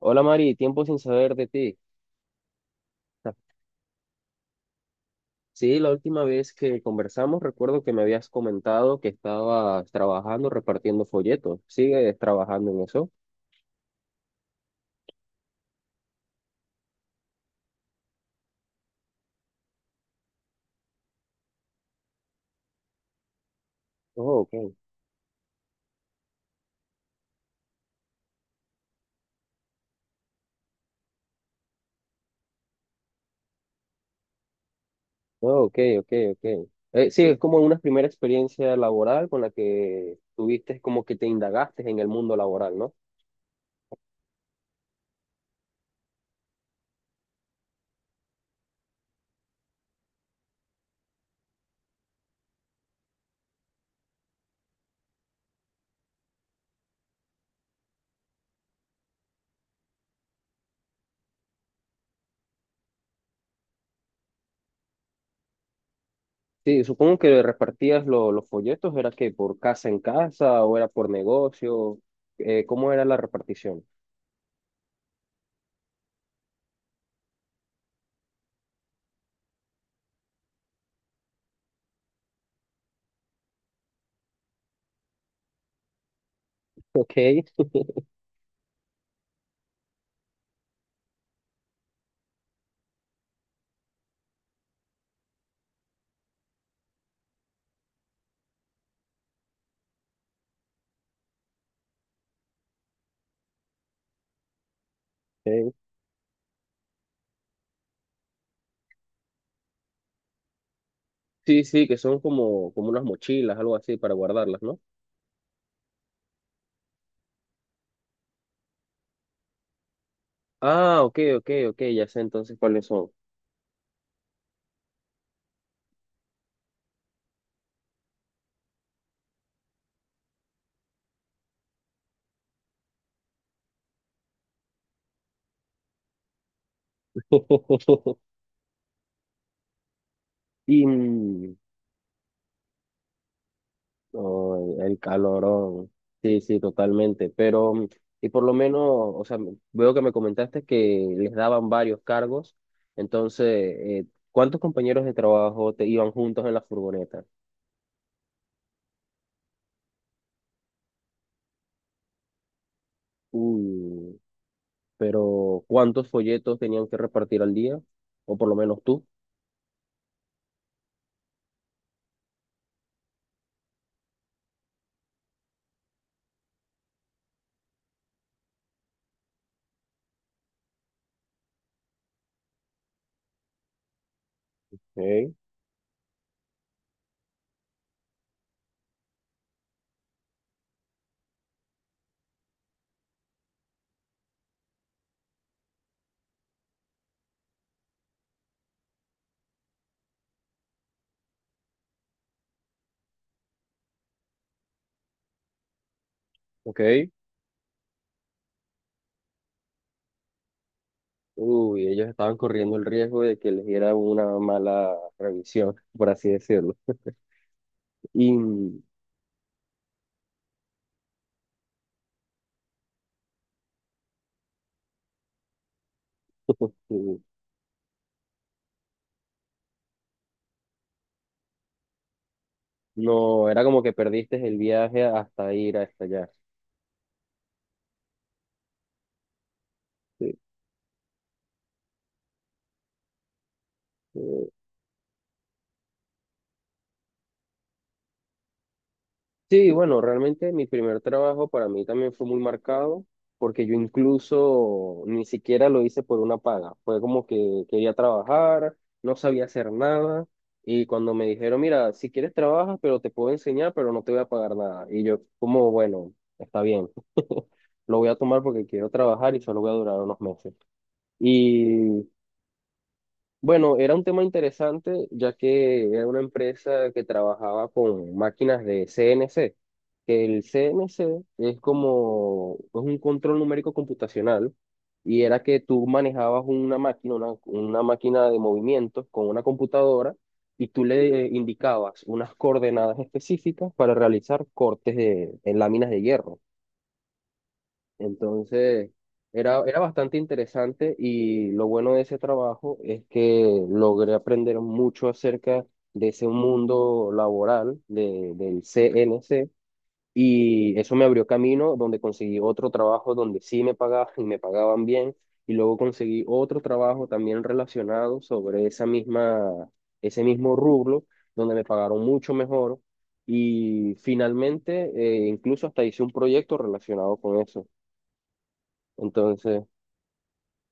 Hola Mari, tiempo sin saber de ti. Ah, sí, la última vez que conversamos recuerdo que me habías comentado que estabas trabajando repartiendo folletos. ¿Sigues trabajando en eso? Oh, ok. Oh, ok, ok, ok. Sí, es como una primera experiencia laboral con la que tuviste como que te indagaste en el mundo laboral, ¿no? Sí, supongo que repartías los folletos, ¿era que por casa en casa o era por negocio? ¿Cómo era la repartición? Ok, ok. Sí, sí, que son como, como unas mochilas, algo así, para guardarlas, ¿no? Ah, ok, ok, ok, ya sé entonces cuáles son. Y mm, oh, el calorón. Sí, sí, totalmente. Y por lo menos, o sea, veo que me comentaste que les daban varios cargos. Entonces, eh, ¿Cuántos compañeros de trabajo te iban juntos en la furgoneta? Uy, pero ¿cuántos folletos tenían que repartir al día? O por lo menos tú. Ok, ok. Uy, ellos estaban corriendo el riesgo de que les diera una mala revisión, por así decirlo. Y mm, no, era como que perdiste el viaje hasta ir hasta allá. Sí. eh, Sí, bueno, realmente mi primer trabajo para mí también fue muy marcado, porque yo incluso ni siquiera lo hice por una paga. Fue como que quería trabajar, no sabía hacer nada, y cuando me dijeron, mira, si quieres trabajas, pero te puedo enseñar, pero no te voy a pagar nada. Y yo, como, bueno, está bien. Lo voy a tomar porque quiero trabajar y solo voy a durar unos meses. Bueno, era un tema interesante, ya que era una empresa que trabajaba con máquinas de C N C, que el C N C es como es un control numérico computacional, y era que tú manejabas una máquina, una máquina de movimientos con una computadora y tú le indicabas unas coordenadas específicas para realizar cortes en láminas de hierro. Entonces, era bastante interesante y lo bueno de ese trabajo es que logré aprender mucho acerca de ese mundo laboral del C N C, y eso me abrió camino donde conseguí otro trabajo donde sí me pagaban y me pagaban bien, y luego conseguí otro trabajo también relacionado sobre ese mismo rubro, donde me pagaron mucho mejor, y finalmente incluso hasta hice un proyecto relacionado con eso. Entonces,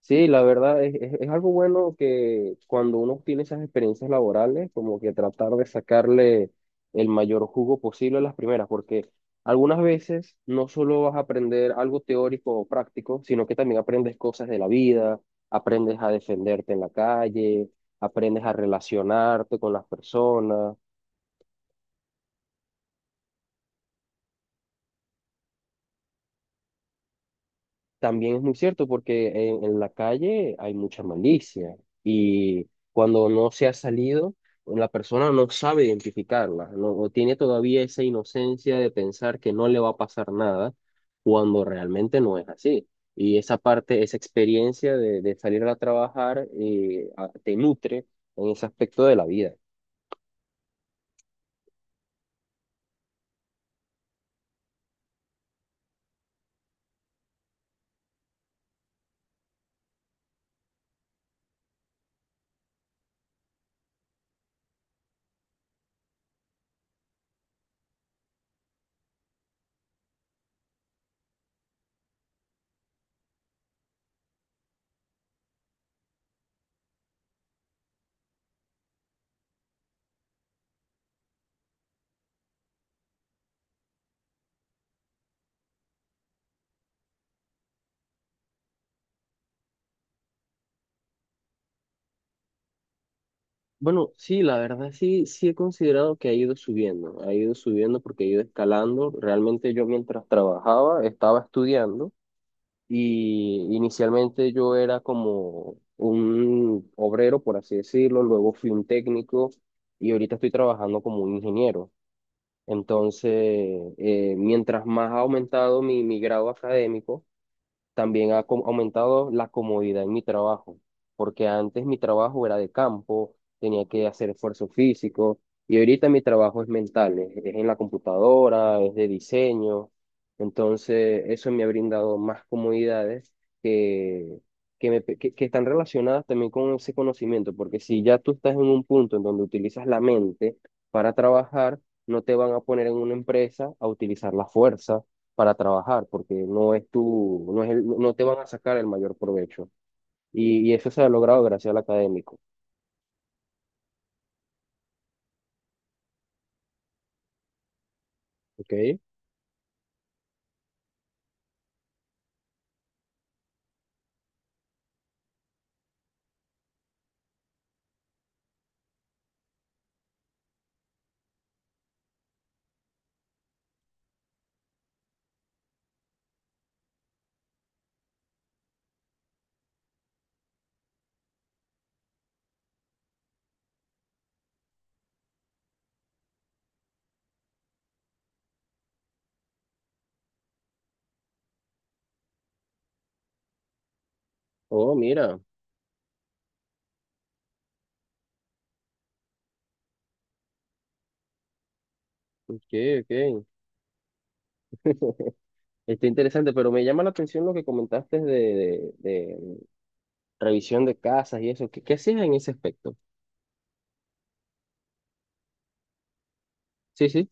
sí, la verdad es algo bueno que cuando uno tiene esas experiencias laborales, como que tratar de sacarle el mayor jugo posible a las primeras, porque algunas veces no solo vas a aprender algo teórico o práctico, sino que también aprendes cosas de la vida, aprendes a defenderte en la calle, aprendes a relacionarte con las personas. También es muy cierto porque en la calle hay mucha malicia, y cuando no se ha salido, la persona no sabe identificarla, no, o tiene todavía esa inocencia de pensar que no le va a pasar nada cuando realmente no es así. Y esa parte, esa experiencia de salir a trabajar, te nutre en ese aspecto de la vida. Bueno, sí, la verdad sí, sí he considerado que ha ido subiendo porque ha ido escalando. Realmente yo mientras trabajaba estaba estudiando, y inicialmente yo era como un obrero, por así decirlo, luego fui un técnico y ahorita estoy trabajando como un ingeniero. Entonces, mientras más ha aumentado mi grado académico, también aumentado la comodidad en mi trabajo, porque antes mi trabajo era de campo, tenía que hacer esfuerzo físico, y ahorita mi trabajo es mental, es en la computadora, es de diseño. Entonces, eso me ha brindado más comodidades que, que están relacionadas también con ese conocimiento, porque si ya tú estás en un punto en donde utilizas la mente para trabajar, no te van a poner en una empresa a utilizar la fuerza para trabajar, porque no es no te van a sacar el mayor provecho. Y eso se ha logrado gracias al académico. ¿Ok? Oh, mira. Ok, ok. Está interesante, pero me llama la atención lo que comentaste de revisión de casas y eso. ¿Qué, qué hacías en ese aspecto? Sí, sí.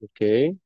Ok.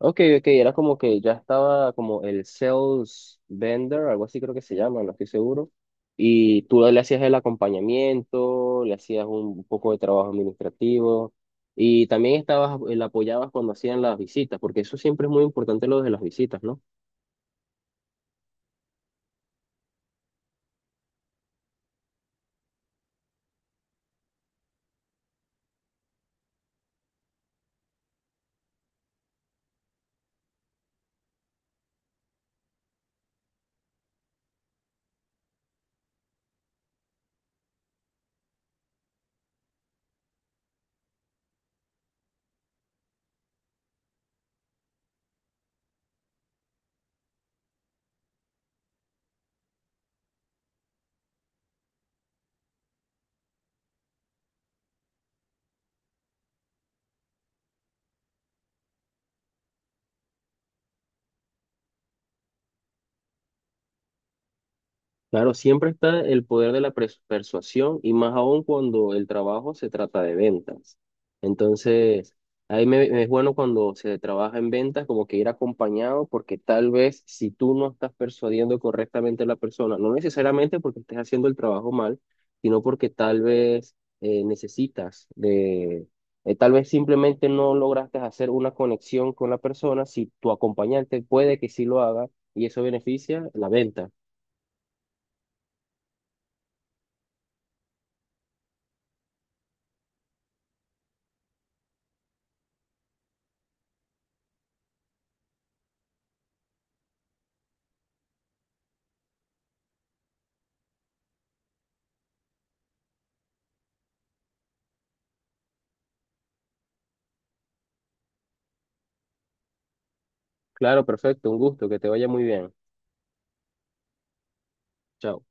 Ok, ok, era como que ya estaba como el sales vendor, algo así creo que se llama, no estoy seguro. Y tú le hacías el acompañamiento, le hacías un poco de trabajo administrativo y también estabas, le apoyabas cuando hacían las visitas, porque eso siempre es muy importante lo de las visitas, ¿no? Claro, siempre está el poder de la persuasión, y más aún cuando el trabajo se trata de ventas. Entonces, ahí me es bueno cuando se trabaja en ventas como que ir acompañado, porque tal vez si tú no estás persuadiendo correctamente a la persona, no necesariamente porque estés haciendo el trabajo mal, sino porque tal vez eh, necesitas de, tal vez simplemente no lograste hacer una conexión con la persona, si tu acompañante puede que sí lo haga, y eso beneficia la venta. Claro, perfecto, un gusto, que te vaya muy bien. Chao.